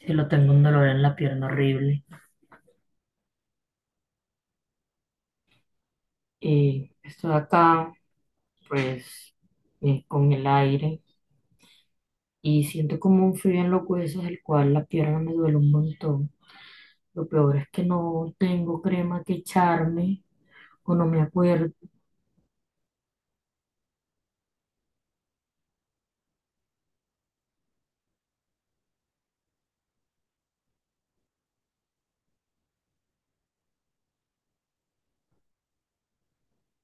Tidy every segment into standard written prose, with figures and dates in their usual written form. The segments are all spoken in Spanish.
Sí, lo tengo un dolor en la pierna horrible. Y estoy acá, pues, con el aire y siento como un frío en los huesos, el cual la pierna me duele un montón. Lo peor es que no tengo crema que echarme o no me acuerdo.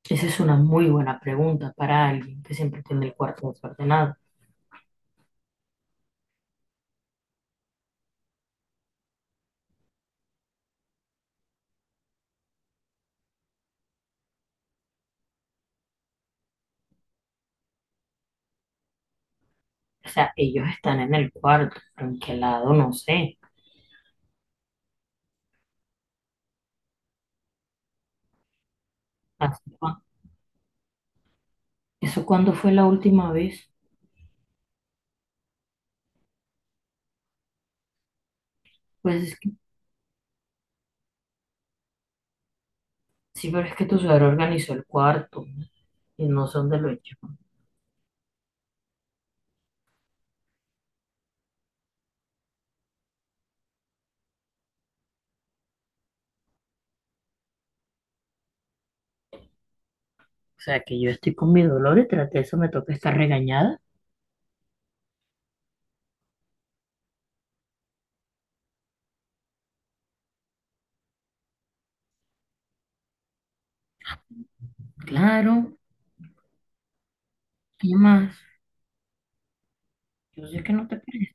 Esa es una muy buena pregunta para alguien que siempre tiene el cuarto desordenado. O sea, ellos están en el cuarto, pero en qué lado, no sé. Así cua- ¿Eso cuándo fue la última vez? Pues sí, pero es que tu suegro organizó el cuarto y no sé dónde lo echó. O sea, que yo estoy con mi dolor y tras de eso me toca estar regañada. Claro, ¿qué más? Yo sé que no te parece.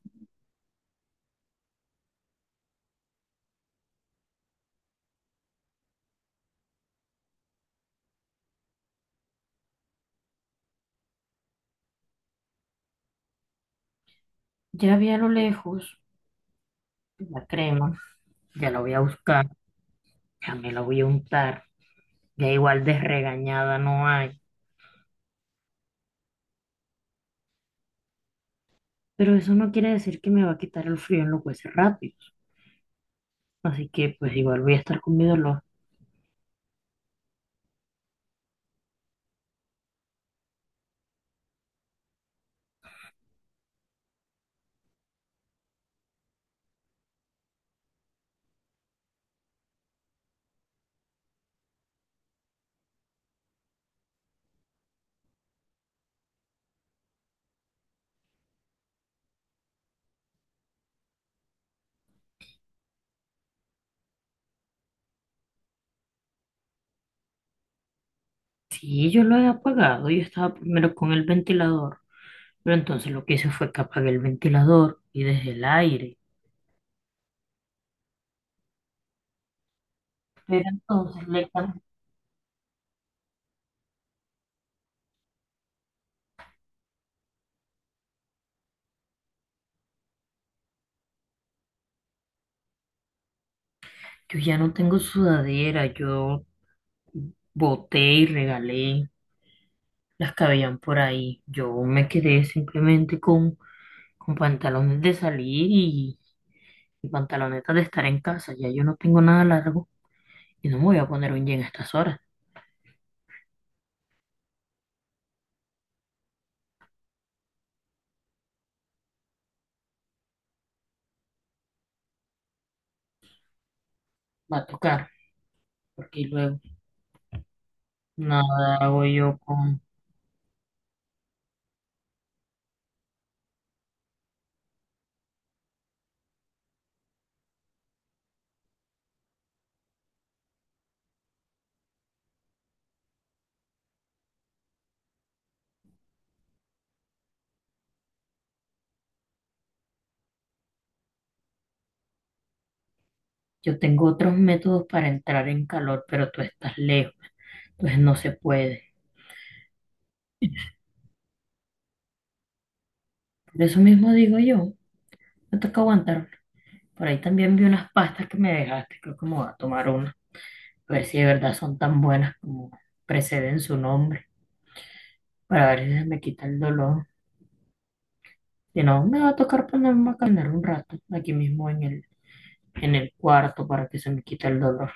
Ya vi a lo lejos la crema. Ya la voy a buscar, ya me la voy a untar. Ya igual de regañada no hay. Pero eso no quiere decir que me va a quitar el frío en los huesos rápidos. Así que pues igual voy a estar con mi dolor. Sí, yo lo he apagado, yo estaba primero con el ventilador. Pero entonces lo que hice fue que apagué el ventilador y dejé el aire. Pero entonces le cam- yo ya no tengo sudadera, yo boté y regalé las que habían por ahí. Yo me quedé simplemente con pantalones de salir y pantalonetas de estar en casa. Ya yo no tengo nada largo y no me voy a poner un jean a estas horas. Va a tocar, porque luego nada hago yo con... Yo tengo otros métodos para entrar en calor, pero tú estás lejos, entonces no se puede. De eso mismo digo yo, me toca aguantar. Por ahí también vi unas pastas que me dejaste, creo que me voy a tomar una, a ver si de verdad son tan buenas como preceden su nombre, para ver si se me quita el dolor. Si no, me va a tocar ponerme a caminar un rato, aquí mismo en el cuarto, para que se me quite el dolor,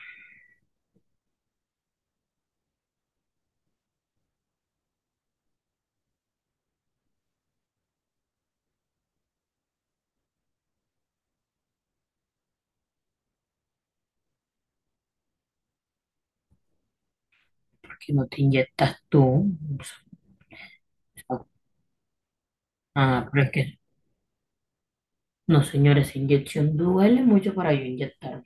porque no te inyectas tú. O sea, ah, pero es que, no señores, esa inyección duele mucho para yo inyectarme.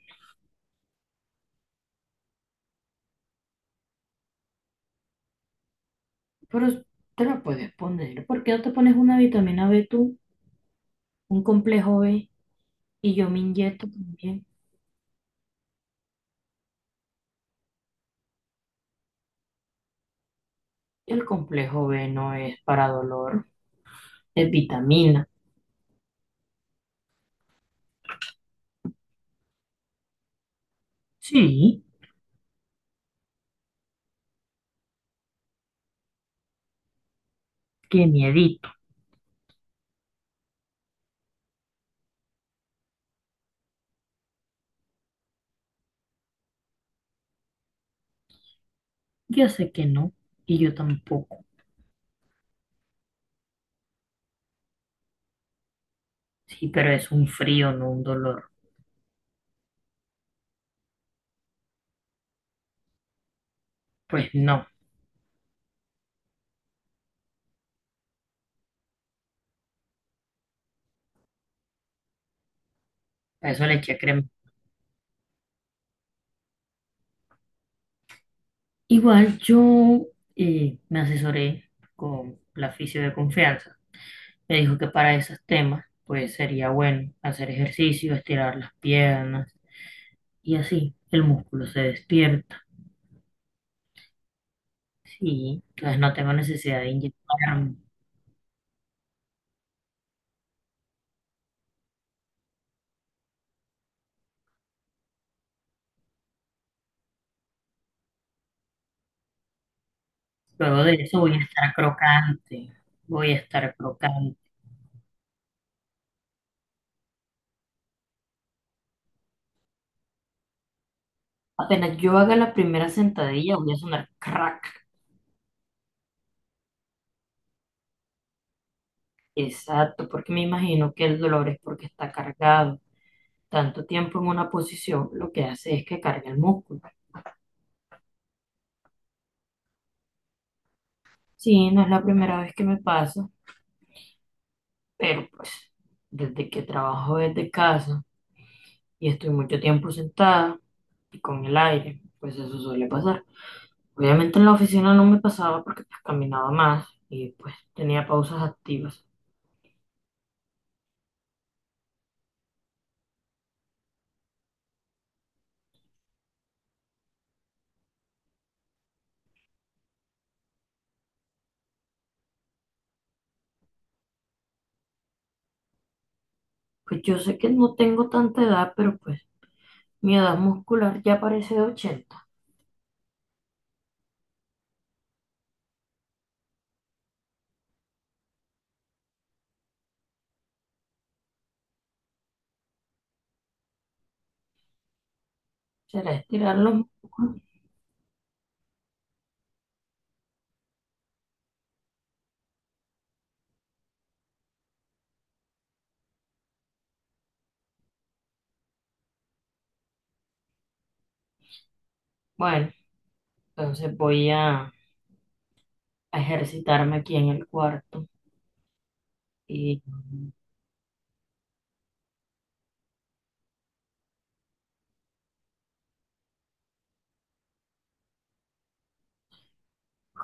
Pero te la puedes poner, ¿por qué no te pones una vitamina B tú, un complejo B? Y yo me inyecto también. El complejo B no es para dolor, es vitamina. Sí, qué miedito. Ya sé que no, y yo tampoco. Sí, pero es un frío, no un dolor. Pues no, a eso le eché crema. Igual yo me asesoré con la fisio de confianza. Me dijo que para esos temas, pues sería bueno hacer ejercicio, estirar las piernas y así el músculo se despierta. Sí, entonces no tengo necesidad de inyectarme. Luego de eso voy a estar crocante, voy a estar crocante. Apenas yo haga la primera sentadilla voy a sonar crack. Exacto, porque me imagino que el dolor es porque está cargado. Tanto tiempo en una posición lo que hace es que cargue el músculo. Sí, no es la primera vez que me pasa, pero pues desde que trabajo desde casa y estoy mucho tiempo sentada y con el aire, pues eso suele pasar. Obviamente en la oficina no me pasaba porque pues caminaba más y pues tenía pausas activas. Pues yo sé que no tengo tanta edad, pero pues mi edad muscular ya parece de 80. ¿Será estirar los músculos? Bueno, entonces voy a ejercitarme aquí en el cuarto. Y pues,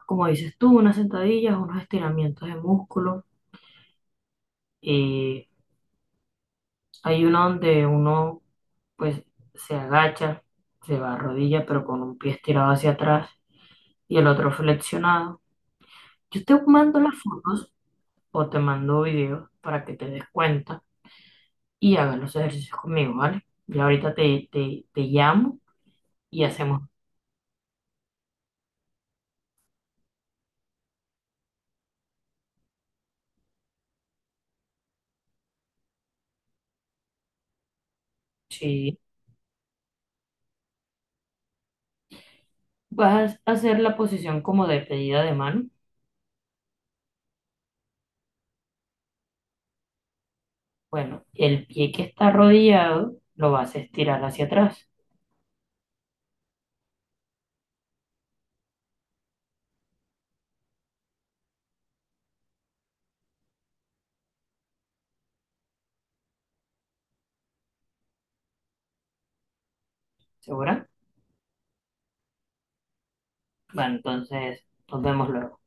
como dices tú, unas sentadillas, unos estiramientos de músculo. Eh, hay uno donde uno pues se agacha, se va a rodilla, pero con un pie estirado hacia atrás y el otro flexionado. Yo te mando las fotos o te mando videos para que te des cuenta y hagan los ejercicios conmigo, ¿vale? Ya ahorita te llamo y hacemos. Si vas a hacer la posición como de pedida de mano, bueno, el pie que está arrodillado lo vas a estirar hacia atrás, ¿segura? Bueno, entonces nos vemos luego,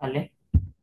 ¿vale?